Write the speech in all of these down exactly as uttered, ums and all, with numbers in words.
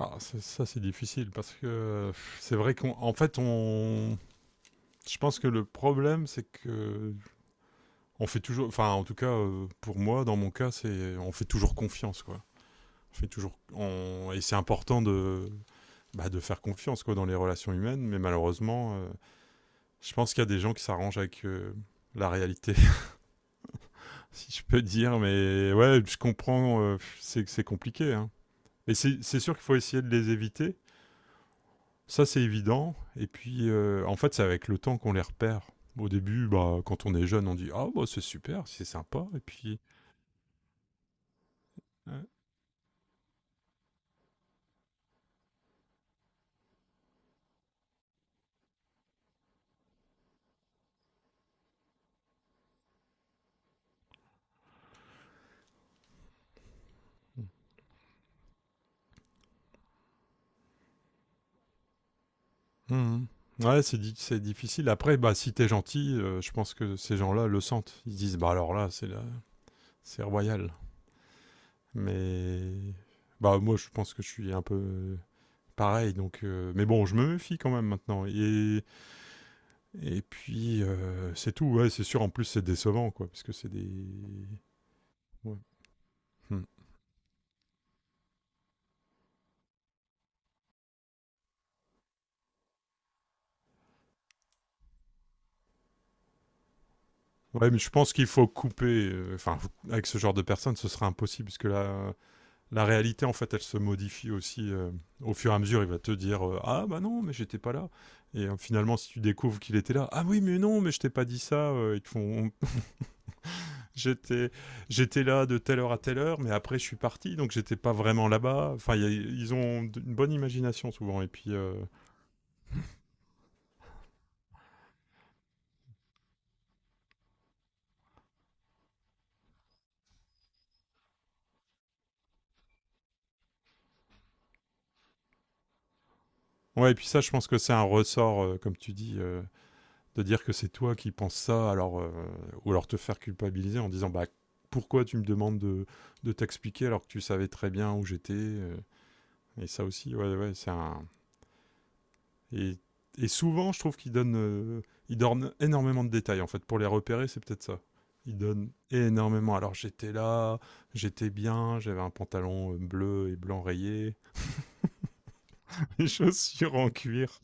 Ah, c'est- ça, c'est difficile parce que euh, c'est vrai qu'en en fait, on, je pense que le problème, c'est que on fait toujours, enfin, en tout cas, euh, pour moi, dans mon cas, c'est on fait toujours confiance, quoi. On fait toujours, on- et c'est important de, bah, de faire confiance, quoi, dans les relations humaines. Mais malheureusement, euh, je pense qu'il y a des gens qui s'arrangent avec euh, la réalité, si je peux dire. Mais ouais, je comprends, euh, c'est c'est compliqué, hein. Et c'est c'est sûr qu'il faut essayer de les éviter. Ça, c'est évident. Et puis, euh, en fait, c'est avec le temps qu'on les repère. Au début, bah, quand on est jeune, on dit ah, bah, c'est super, c'est sympa. Et puis. Ouais. Mhm. Ouais, c'est di- c'est difficile. Après, bah, si t'es gentil, euh, je pense que ces gens-là le sentent. Ils se disent bah, alors là, c'est là, c'est royal. Mais. Bah, moi, je pense que je suis un peu pareil. Donc, euh, Mais bon, je me méfie quand même maintenant. Et, et puis, euh, c'est tout. Ouais, c'est sûr. En plus, c'est décevant, quoi. Parce que c'est des. Ouais. Hmm. Ouais, mais je pense qu'il faut couper. euh, Enfin, faut- avec ce genre de personnes, ce sera impossible, parce que la, la réalité, en fait, elle se modifie aussi euh, au fur et à mesure. Il va te dire euh, ah, bah non, mais j'étais pas là. Et euh, finalement, si tu découvres qu'il était là, ah oui, mais non, mais je t'ai pas dit ça. Euh, ils te font J'étais j'étais là de telle heure à telle heure, mais après, je suis parti, donc j'étais pas vraiment là-bas. Enfin, il y a- ils ont d- une bonne imagination souvent. Et puis, euh, ouais, et puis ça, je pense que c'est un ressort, euh, comme tu dis. Euh, de dire que c'est toi qui penses ça, alors, euh, ou alors te faire culpabiliser en disant bah, pourquoi tu me demandes de, de t'expliquer alors que tu savais très bien où j'étais. euh. Et ça aussi, ouais, ouais, c'est un. Et, et souvent, je trouve qu'ils donnent, euh, ils donnent énormément de détails en fait. Pour les repérer, c'est peut-être ça. Ils donnent énormément. Alors j'étais là, j'étais bien, j'avais un pantalon euh, bleu et blanc rayé, des chaussures en cuir.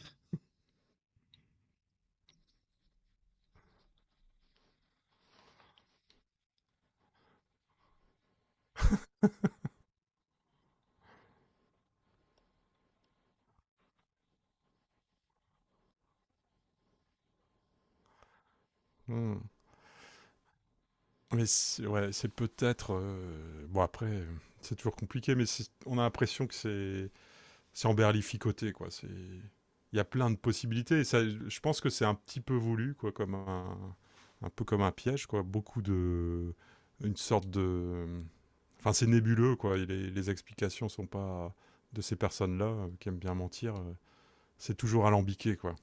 Hmm. Mais c'est ouais, c'est peut-être. Euh, bon, après, euh, c'est toujours compliqué, mais c'est- on a l'impression que c'est c'est emberlificoté, quoi. C'est- Il y a plein de possibilités. Et ça, je pense que c'est un petit peu voulu, quoi, comme un, un peu comme un piège, quoi. Beaucoup de. Une sorte de. Enfin, c'est nébuleux, quoi. Et les, les explications sont pas. De ces personnes-là, euh, qui aiment bien mentir, euh, c'est toujours alambiqué, quoi.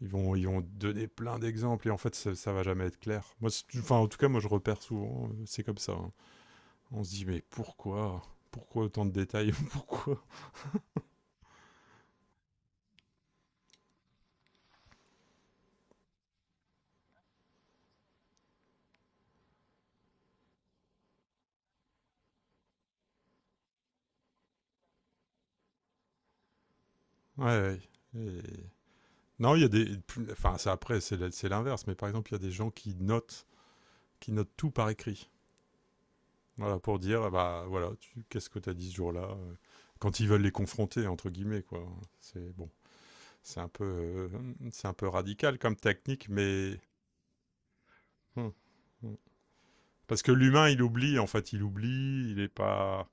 ils vont, ils vont donner plein d'exemples et en fait ça, ça va jamais être clair. Moi, enfin, en tout cas, moi je repère souvent, euh, c'est comme ça. Hein. On se dit mais pourquoi, pourquoi autant de détails, pourquoi. Ouais. Ouais. Et- Non, il y a des, enfin ça après c'est l'inverse, mais par exemple il y a des gens qui notent, qui notent tout par écrit. Voilà pour dire ah bah voilà, qu'est-ce que tu as dit ce jour-là euh, quand ils veulent les confronter entre guillemets quoi. C'est bon, c'est un peu, euh, c'est un peu radical comme technique, mais. Hmm. Hmm. Parce que l'humain, il oublie, en fait, il oublie, il n'est pas.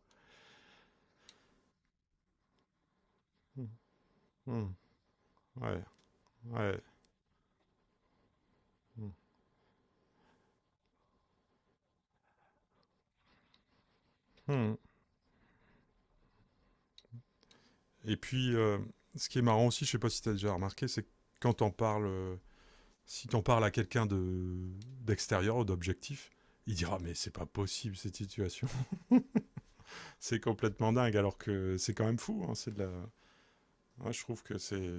Hmm. Ouais, ouais. Hmm. Et puis, euh, ce qui est marrant aussi, je ne sais pas si tu as déjà remarqué, c'est que quand t'en parles, euh, si t'en parles à quelqu'un de d'extérieur ou d'objectif, il dira mais c'est pas possible cette situation, c'est complètement dingue, alors que c'est quand même fou. Hein, c'est de la. Ouais, je trouve que c'est,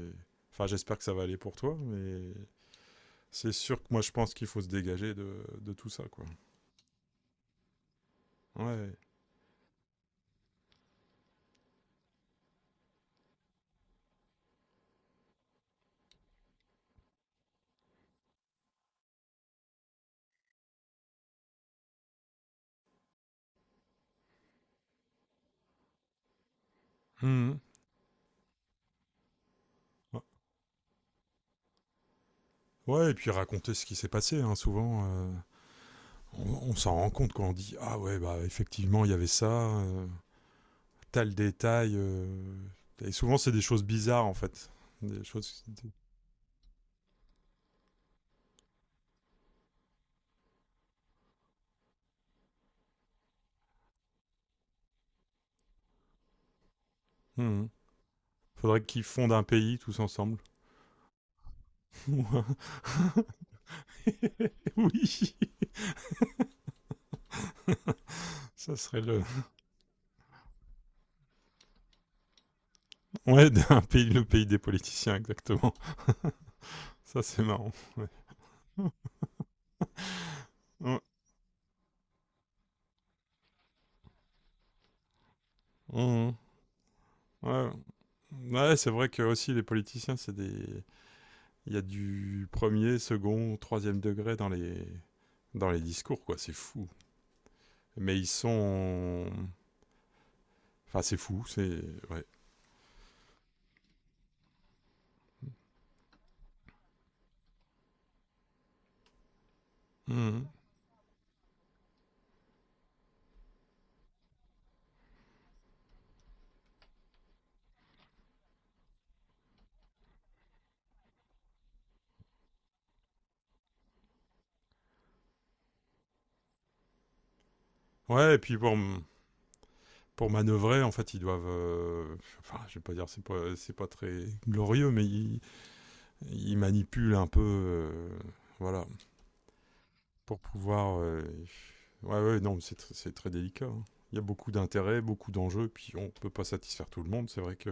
enfin j'espère que ça va aller pour toi, mais c'est sûr que moi je pense qu'il faut se dégager de, de tout ça quoi. Ouais. Hmm. Ouais. Ouais, et puis raconter ce qui s'est passé, hein, souvent. euh, on on s'en rend compte quand on dit ah ouais, bah effectivement, il y avait ça, euh, tel détail. euh. Et souvent, c'est des choses bizarres, en fait. Des choses. Des- Mhm. Faudrait qu'ils fondent un pays tous ensemble. Ouais, oui, ça serait le. Ouais, un pays, le pays des politiciens, exactement. Ça, c'est marrant. Ouais. Ouais. Mhm. Ouais. Ouais, c'est vrai que aussi les politiciens, c'est des. Il y a du premier, second, troisième degré dans les, dans les discours, quoi. C'est fou. Mais ils sont. Enfin, c'est fou, c'est. Ouais. Mhm. Ouais, et puis pour, pour manœuvrer, en fait, ils doivent. euh, Enfin, je vais pas dire, c'est pas, c'est pas très glorieux, mais ils, ils manipulent un peu. Euh, voilà. Pour pouvoir. euh, Ouais, ouais, non, c'est tr- c'est très délicat. Hein. Il y a beaucoup d'intérêts, beaucoup d'enjeux, puis on peut pas satisfaire tout le monde. C'est vrai que.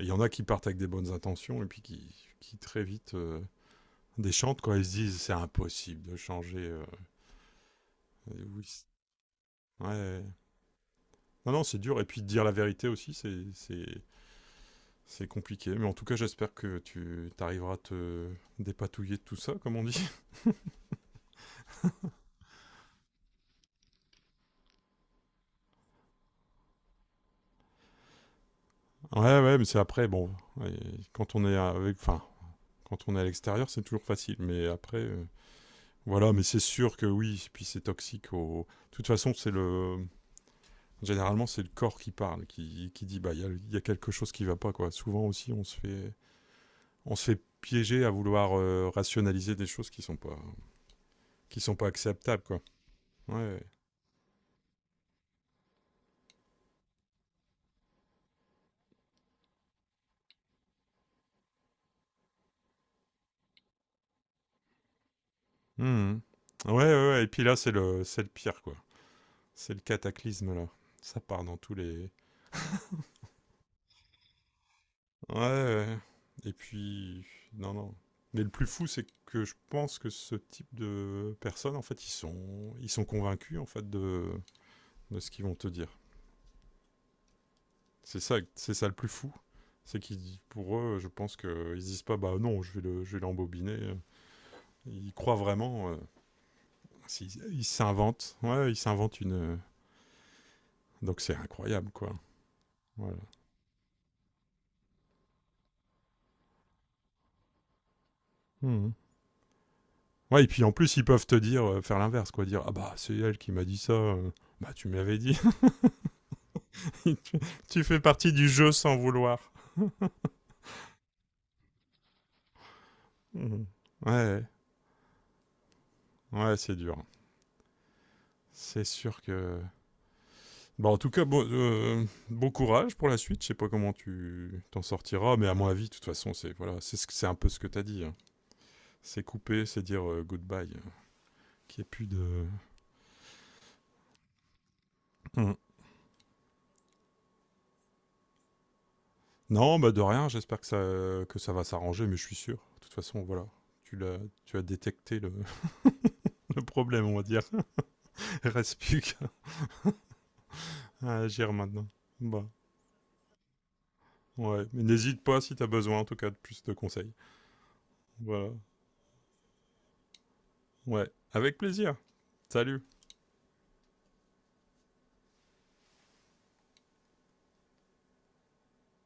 Il y en a qui partent avec des bonnes intentions et puis qui, qui très vite euh, déchantent quand ils se disent c'est impossible de changer. Euh, oui, ouais. Non, non, c'est dur. Et puis dire la vérité aussi, c'est- c'est c'est compliqué. Mais en tout cas, j'espère que tu arriveras à te dépatouiller de tout ça, comme on dit. Ouais, ouais, mais c'est après, bon, ouais, quand on est avec, enfin, quand on est à l'extérieur, c'est toujours facile. Mais après, euh, voilà, mais c'est sûr que oui, puis c'est toxique. Au... De toute façon, c'est le, généralement, c'est le corps qui parle, qui, qui dit bah il y a, y a quelque chose qui va pas quoi. Souvent aussi, on se fait on se fait piéger à vouloir euh, rationaliser des choses qui sont pas qui sont pas acceptables quoi. Ouais. Mhm. Ouais, ouais, ouais. Et puis là, c'est le c'est le pire quoi. C'est le cataclysme là. Ça part dans tous les. Ouais. Ouais. Et puis non non. Mais le plus fou, c'est que je pense que ce type de personnes, en fait, ils sont ils sont convaincus en fait de de ce qu'ils vont te dire. C'est ça, c'est ça le plus fou. C'est qu'ils, pour eux, je pense qu'ils disent pas, bah non, je vais le, je vais l'embobiner. Ils croient vraiment. Euh, ils s'inventent. Ouais, ils s'inventent une. euh, Donc c'est incroyable, quoi. Voilà. Mmh. Ouais, et puis en plus, ils peuvent te dire, euh, faire l'inverse, quoi. Dire, ah bah, c'est elle qui m'a dit ça. Euh, bah, tu m'avais dit. tu, tu fais partie du jeu sans vouloir. Mhm. Ouais, ouais, c'est dur. C'est sûr que bah, en tout cas, bon, euh, bon courage pour la suite. Je sais pas comment tu t'en sortiras, mais à mon avis, de toute façon, c'est voilà, c'est ce que- c'est un peu ce que t'as dit. Hein. C'est couper, c'est dire euh, goodbye. Qu'il n'y ait plus de. Hmm. Non, bah de rien. J'espère que ça que ça va s'arranger, mais je suis sûr. De toute façon, voilà, tu l'as tu as détecté le, le problème, on va dire. Reste plus qu'à à agir maintenant. Bah ouais, mais n'hésite pas si t'as besoin, en tout cas, de plus de conseils. Voilà. Ouais, avec plaisir. Salut.